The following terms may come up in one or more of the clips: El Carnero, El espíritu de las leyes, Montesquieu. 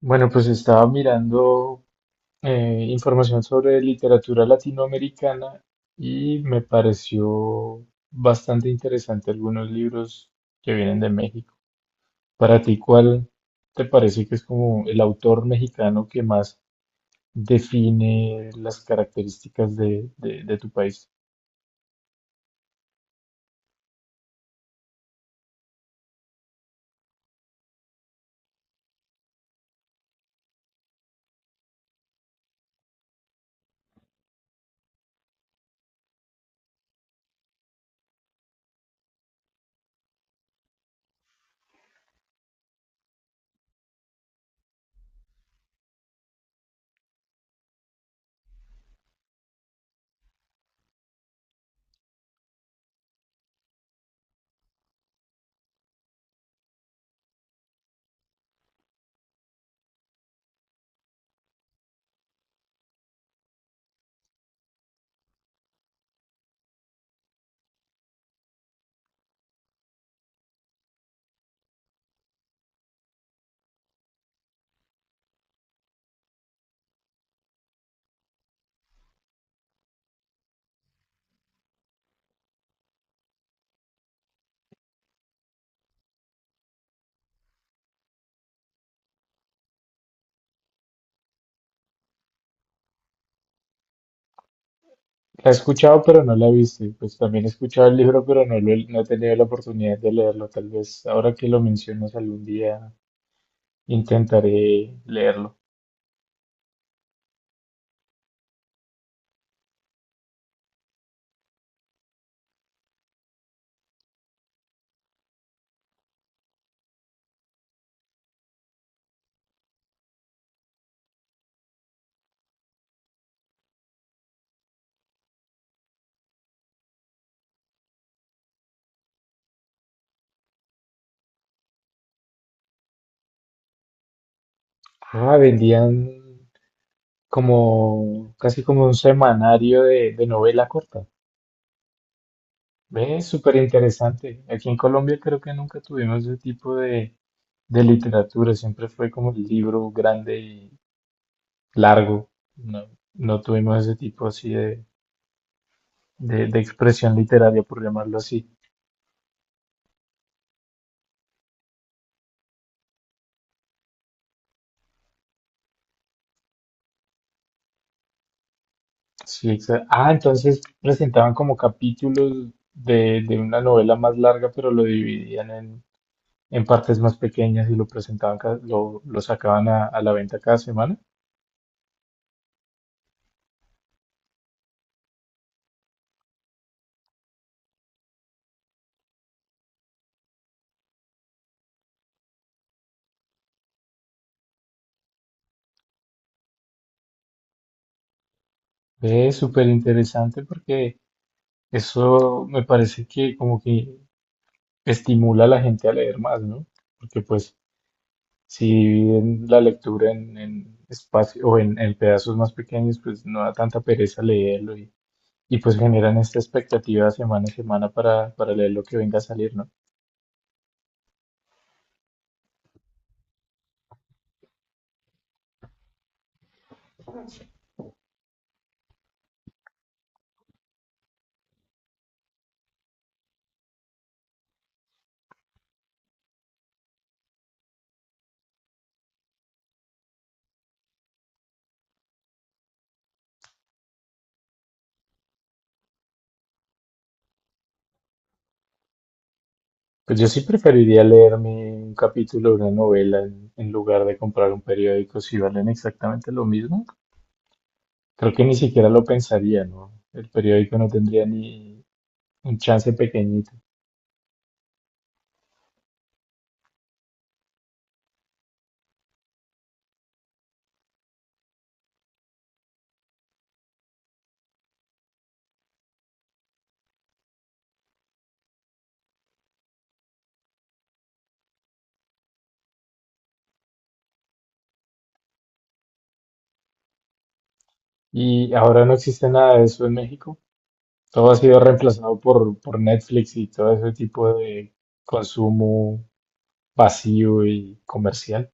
Bueno, pues estaba mirando información sobre literatura latinoamericana y me pareció bastante interesante algunos libros que vienen de México. Para ti, ¿cuál te parece que es como el autor mexicano que más define las características de tu país? La he escuchado, pero no la he visto. Y pues también he escuchado el libro, pero no he tenido la oportunidad de leerlo. Tal vez ahora que lo mencionas algún día intentaré leerlo. Ah, vendían como casi como un semanario de novela corta. Ve, súper interesante. Aquí en Colombia creo que nunca tuvimos ese tipo de literatura. Siempre fue como el libro grande y largo. No, no tuvimos ese tipo así de expresión literaria, por llamarlo así. Sí, entonces presentaban como capítulos de una novela más larga, pero lo dividían en partes más pequeñas y lo presentaban, lo sacaban a la venta cada semana. Es súper interesante porque eso me parece que como que estimula a la gente a leer más, ¿no? Porque pues si dividen la lectura en espacio o en pedazos más pequeños, pues no da tanta pereza leerlo y pues generan esta expectativa semana a semana para leer lo que venga a salir, ¿no? Pues yo sí preferiría leerme un capítulo de una novela en lugar de comprar un periódico si valen exactamente lo mismo. Creo que ni siquiera lo pensaría, ¿no? El periódico no tendría ni un chance pequeñito. Y ahora no existe nada de eso en México. Todo ha sido reemplazado por Netflix y todo ese tipo de consumo vacío y comercial.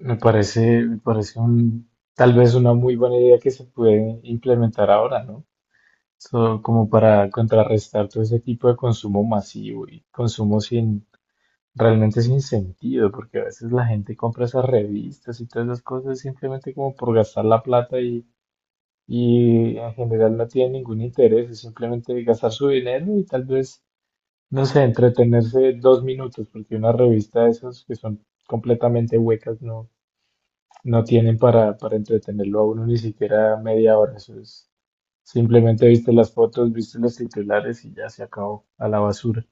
Me parece un, tal vez una muy buena idea que se puede implementar ahora, ¿no? So, como para contrarrestar todo ese tipo de consumo masivo y consumo sin realmente sin sentido, porque a veces la gente compra esas revistas y todas esas cosas simplemente como por gastar la plata y en general no tiene ningún interés, es simplemente gastar su dinero y tal vez, no sé, entretenerse dos minutos, porque una revista de esas que son completamente huecas no, no tienen para entretenerlo a uno ni siquiera media hora, eso es simplemente viste las fotos, viste los titulares y ya se acabó a la basura.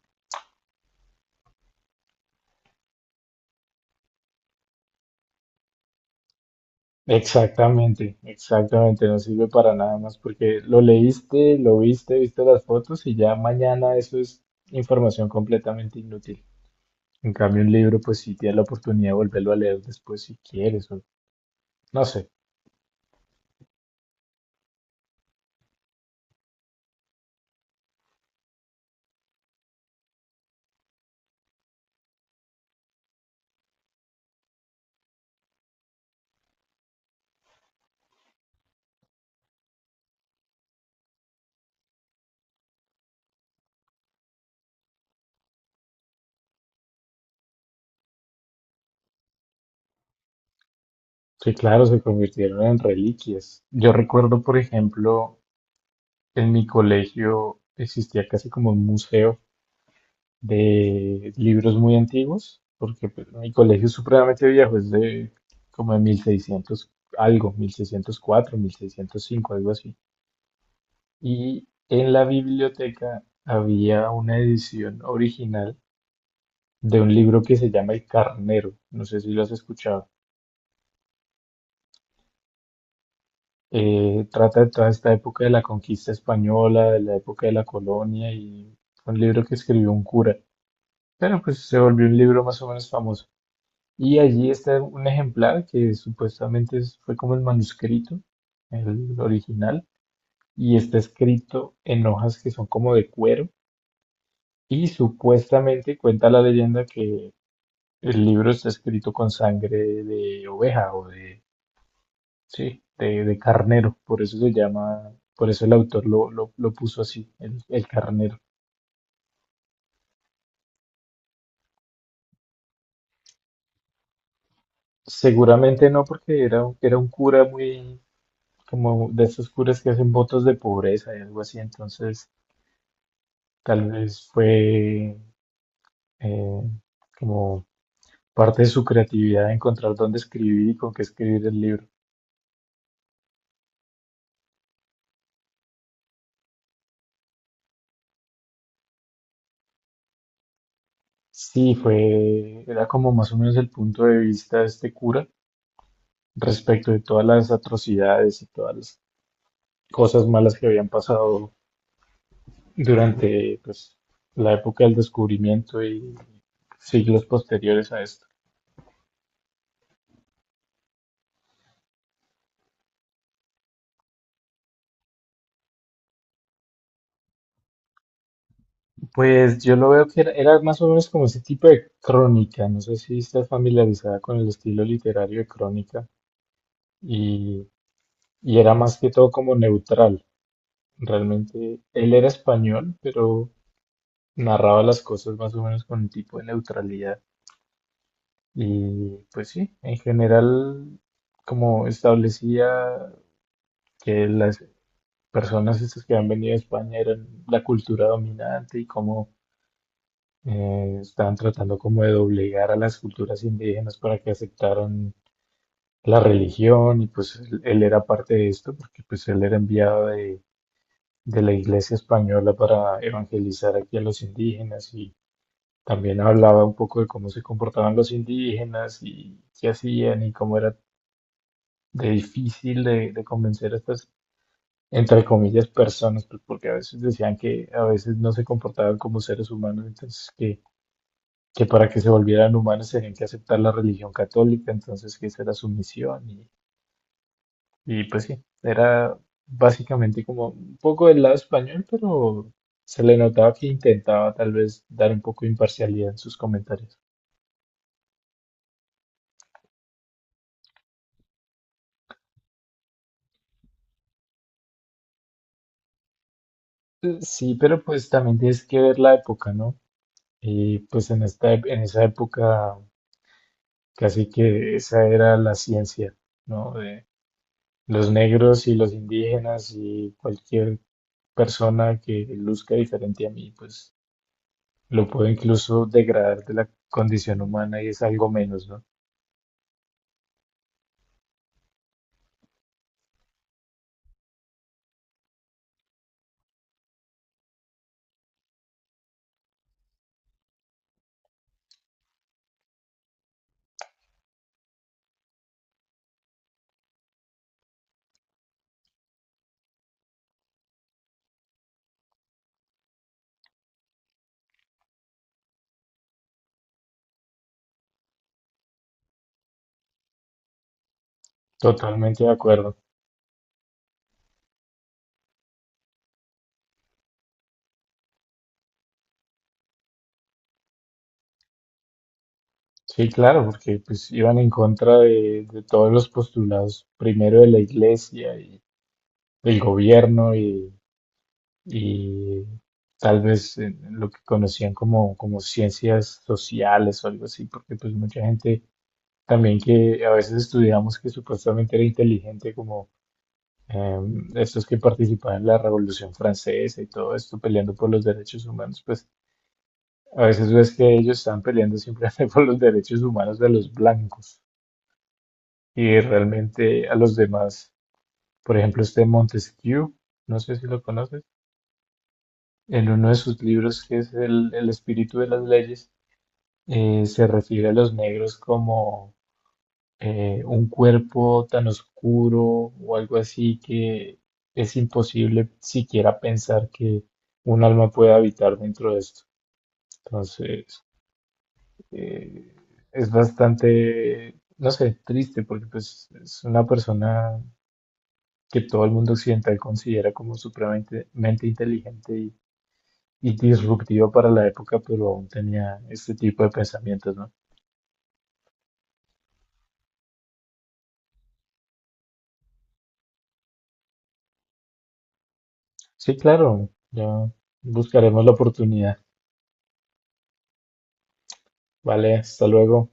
Exactamente, exactamente, no sirve para nada más porque lo leíste, lo viste, viste las fotos y ya mañana eso es información completamente inútil. En cambio, un libro, pues si tienes la oportunidad de volverlo a leer después si quieres, o no sé. Sí, claro, se convirtieron en reliquias. Yo recuerdo, por ejemplo, en mi colegio existía casi como un museo de libros muy antiguos, porque pues, mi colegio es supremamente viejo, es de como de 1600 algo, 1604, 1605, algo así. Y en la biblioteca había una edición original de un libro que se llama El Carnero, no sé si lo has escuchado. Trata de toda esta época de la conquista española, de la época de la colonia y fue un libro que escribió un cura, pero pues se volvió un libro más o menos famoso. Y allí está un ejemplar que fue como el manuscrito, el original, y está escrito en hojas que son como de cuero. Y supuestamente cuenta la leyenda que el libro está escrito con sangre de oveja o de, sí, de carnero. Por eso se llama, por eso el autor lo puso así, el carnero. Seguramente no, porque era un cura muy, como de esos curas que hacen votos de pobreza y algo así. Entonces tal vez fue eh, como parte de su creatividad encontrar dónde escribir y con qué escribir el libro. Sí, fue, era como más o menos el punto de vista de este cura respecto de todas las atrocidades y todas las cosas malas que habían pasado durante pues, la época del descubrimiento y siglos posteriores a esto. Pues yo lo veo que era, era más o menos como ese tipo de crónica, no sé si estás familiarizada con el estilo literario de crónica. y Y era más que todo como neutral. Realmente él era español, pero narraba las cosas más o menos con un tipo de neutralidad. Y pues sí, en general, como establecía que las personas estas que han venido a España eran la cultura dominante y cómo estaban tratando como de doblegar a las culturas indígenas para que aceptaran la religión y pues él era parte de esto porque pues él era enviado de la iglesia española para evangelizar aquí a los indígenas y también hablaba un poco de cómo se comportaban los indígenas y qué hacían y cómo era de difícil de convencer a estas, entre comillas, personas, pues, porque a veces decían que a veces no se comportaban como seres humanos, entonces que para que se volvieran humanos tenían que aceptar la religión católica, entonces que esa era su misión. Y pues sí, era básicamente como un poco del lado español, pero se le notaba que intentaba tal vez dar un poco de imparcialidad en sus comentarios. Sí, pero pues también tienes que ver la época, ¿no? Y pues en en esa época casi que esa era la ciencia, ¿no? De los negros y los indígenas y cualquier persona que luzca diferente a mí, pues lo puedo incluso degradar de la condición humana y es algo menos, ¿no? Totalmente de acuerdo. Sí, claro, porque pues iban en contra de todos los postulados, primero de la iglesia y del gobierno y tal vez lo que conocían como ciencias sociales o algo así, porque pues mucha gente también que a veces estudiamos que supuestamente era inteligente, como eh, estos que participaban en la Revolución Francesa y todo esto, peleando por los derechos humanos, pues a veces ves que ellos están peleando simplemente por los derechos humanos de los blancos. Y realmente a los demás, por ejemplo, este Montesquieu, no sé si lo conoces, en uno de sus libros que es el espíritu de las leyes, se refiere a los negros como un cuerpo tan oscuro o algo así, que es imposible siquiera pensar que un alma pueda habitar dentro de esto. Entonces, eh, es bastante, no sé, triste porque pues es una persona que todo el mundo occidental considera como supremamente mente inteligente y disruptivo para la época, pero aún tenía este tipo de pensamientos, ¿no? Sí, claro, ya buscaremos la oportunidad. Vale, hasta luego.